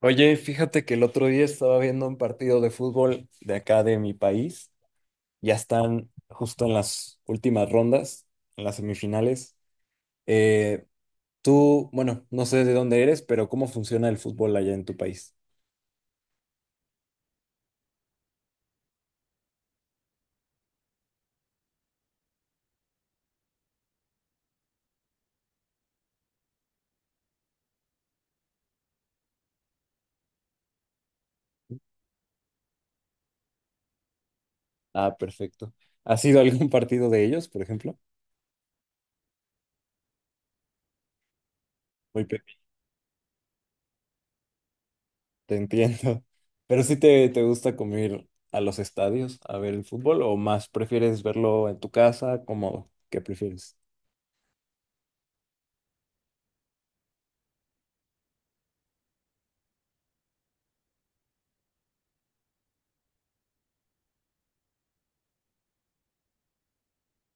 Oye, fíjate que el otro día estaba viendo un partido de fútbol de acá de mi país. Ya están justo en las últimas rondas, en las semifinales. Eh, tú, bueno, no sé de dónde eres, pero ¿cómo funciona el fútbol allá en tu país? Ah, perfecto. ¿Has ido a algún partido de ellos, por ejemplo? Muy pequeño. Te entiendo. Pero sí te gusta como ir a los estadios a ver el fútbol o más prefieres verlo en tu casa, ¿cómodo? ¿Qué prefieres?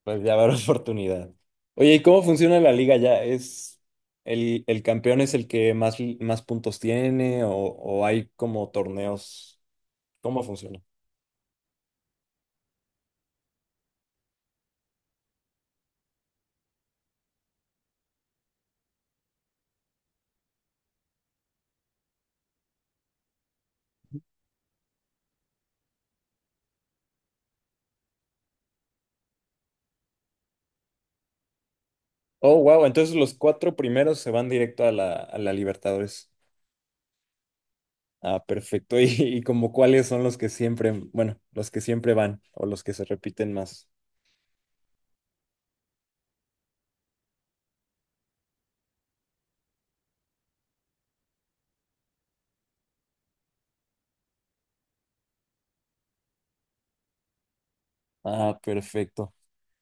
Pues ya habrá oportunidad. Oye, ¿y cómo funciona la liga ya? ¿Es el campeón es el que más puntos tiene o hay como torneos? ¿Cómo funciona? Oh, wow, entonces los cuatro primeros se van directo a la Libertadores. Ah, perfecto. ¿Y como cuáles son los que siempre, bueno, los que siempre van o los que se repiten más? Ah, perfecto.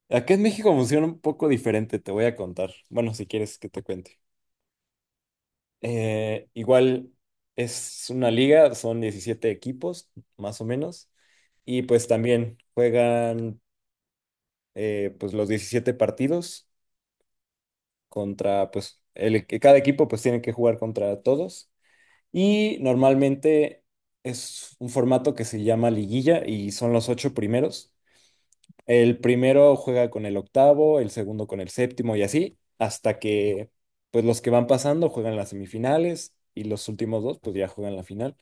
Acá en México funciona un poco diferente, te voy a contar. Bueno, si quieres que te cuente. Igual es una liga, son 17 equipos, más o menos, y pues también juegan pues los 17 partidos contra, pues que cada equipo pues tiene que jugar contra todos, y normalmente es un formato que se llama liguilla y son los ocho primeros. El primero juega con el octavo, el segundo con el séptimo y así, hasta que pues los que van pasando juegan las semifinales y los últimos dos pues ya juegan la final.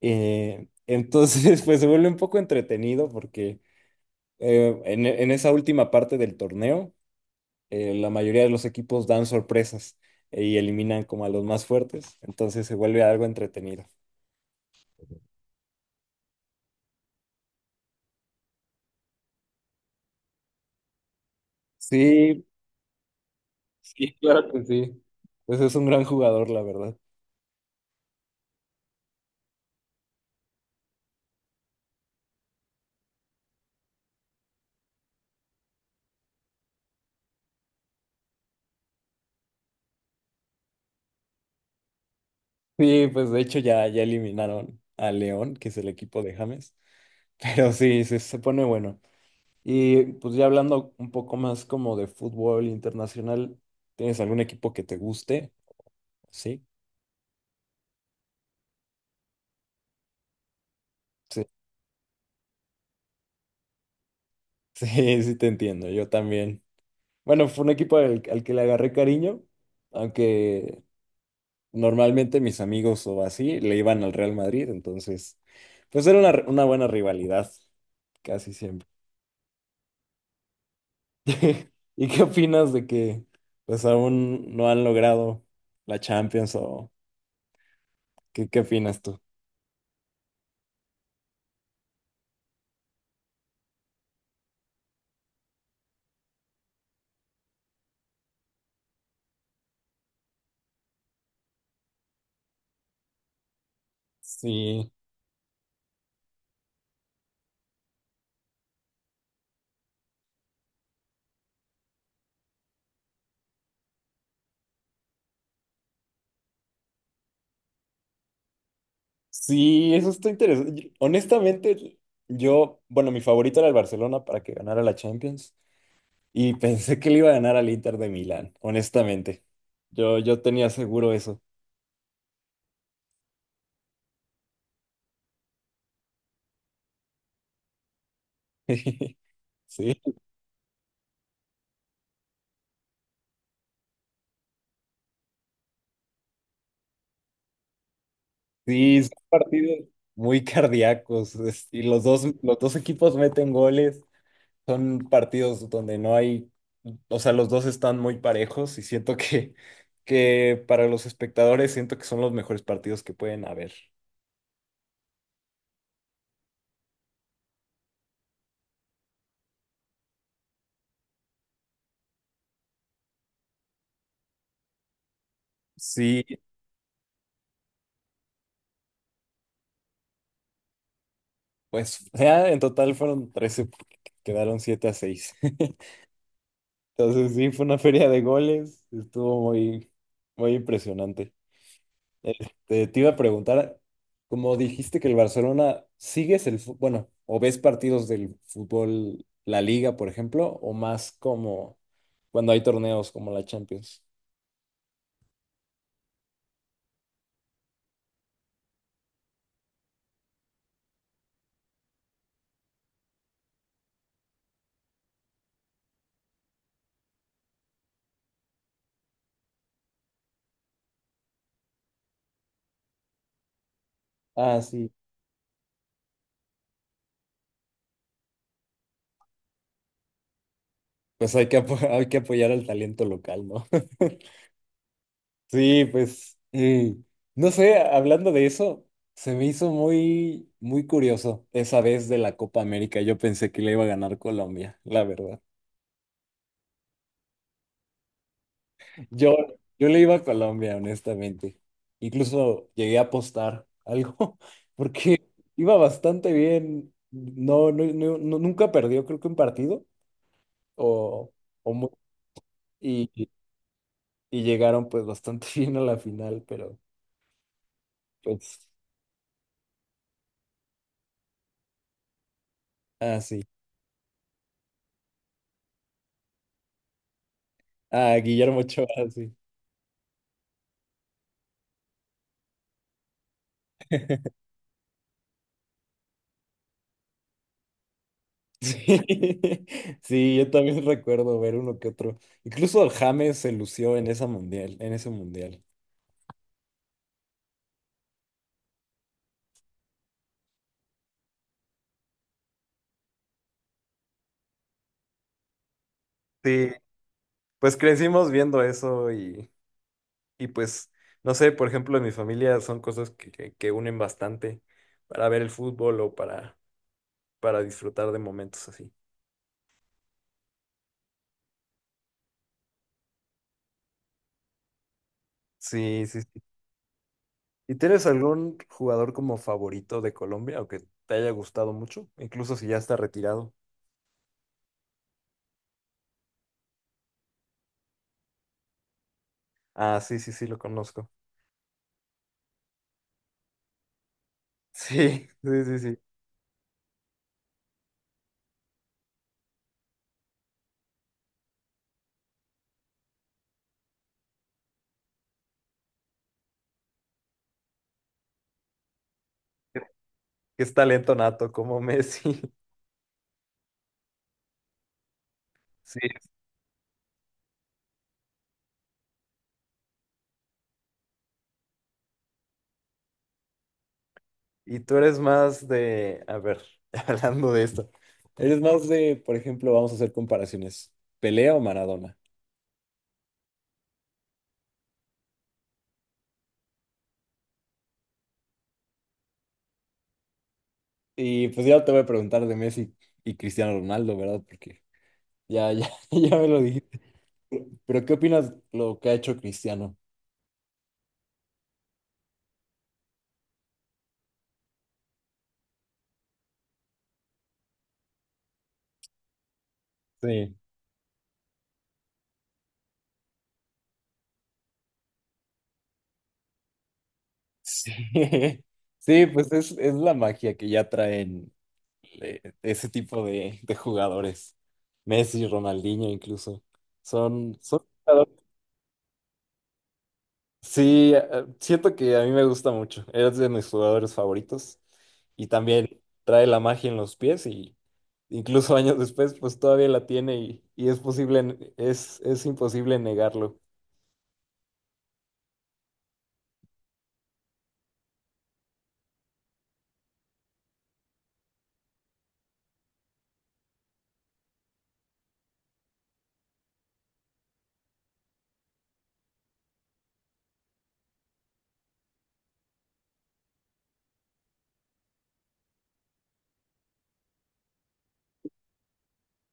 Entonces, pues se vuelve un poco entretenido porque en esa última parte del torneo, la mayoría de los equipos dan sorpresas y eliminan como a los más fuertes, entonces se vuelve algo entretenido. Sí, sí, claro que sí. Pues es un gran jugador, la verdad. Sí, pues de hecho ya eliminaron a León, que es el equipo de James, pero sí, se pone bueno. Y pues ya hablando un poco más como de fútbol internacional, ¿tienes algún equipo que te guste? Sí, sí, sí, sí te entiendo, yo también. Bueno, fue un equipo al que le agarré cariño, aunque normalmente mis amigos o así le iban al Real Madrid, entonces, pues era una buena rivalidad, casi siempre. ¿Y qué opinas de que pues aún no han logrado la Champions o qué opinas tú? Sí, sí, eso está interesante. Honestamente, yo, bueno, mi favorito era el Barcelona para que ganara la Champions. Y pensé que le iba a ganar al Inter de Milán, honestamente. Yo tenía seguro eso. Sí, sí, son partidos muy cardíacos. Y los dos equipos meten goles. Son partidos donde no hay, o sea, los dos están muy parejos y siento que para los espectadores siento que son los mejores partidos que pueden haber. Sí, pues ya en total fueron 13, porque quedaron 7-6. Entonces sí, fue una feria de goles, estuvo muy, muy impresionante. Este, te iba a preguntar, como dijiste que el Barcelona, ¿sigues el fútbol, bueno, o ves partidos del fútbol, la Liga, por ejemplo, o más como cuando hay torneos como la Champions? Ah, sí. Pues hay que apoyar al talento local, ¿no? Sí, pues, no sé, hablando de eso, se me hizo muy, muy curioso esa vez de la Copa América. Yo pensé que le iba a ganar Colombia, la verdad. Yo, yo le iba a Colombia, honestamente. Incluso llegué a apostar algo, porque iba bastante bien. No, no, nunca perdió, creo que un partido, o, o mu- y, y y llegaron pues bastante bien a la final, pero pues, así. Ah, sí. Ah, Guillermo Ochoa, sí. Sí, sí, yo también recuerdo ver uno que otro. Incluso el James se lució en esa mundial, en ese mundial. Sí, pues crecimos viendo eso y pues, no sé, por ejemplo, en mi familia son cosas que unen bastante para ver el fútbol o para disfrutar de momentos así. Sí, sí, sí. ¿Y tienes algún jugador como favorito de Colombia o que te haya gustado mucho? Incluso si ya está retirado. Ah, sí, sí, sí, lo conozco. Sí, sí, sí, sí. Que es talento nato como Messi. Sí. Y tú eres más de, a ver, hablando de esto, eres más de, por ejemplo, vamos a hacer comparaciones, ¿Pelea o Maradona? Y pues ya te voy a preguntar de Messi y Cristiano Ronaldo, ¿verdad? Porque ya, ya, ya me lo dijiste. Pero ¿qué opinas lo que ha hecho Cristiano? Sí. Sí, sí, pues es la magia que ya traen ese tipo de jugadores. Messi, Ronaldinho incluso. Son jugadores. Sí, siento que a mí me gusta mucho. Es de mis jugadores favoritos. Y también trae la magia en los pies y incluso años después, pues todavía la tiene y es posible, es imposible negarlo.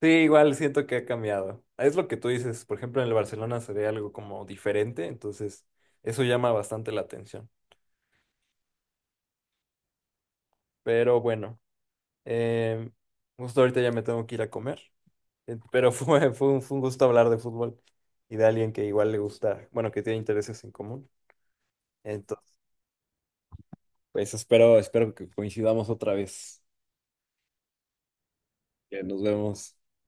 Sí, igual siento que ha cambiado. Es lo que tú dices, por ejemplo, en el Barcelona se ve algo como diferente, entonces eso llama bastante la atención. Pero bueno, eh, justo ahorita ya me tengo que ir a comer. Pero fue un gusto hablar de fútbol y de alguien que igual le gusta, bueno, que tiene intereses en común. Entonces, pues espero que coincidamos otra vez. Que nos vemos.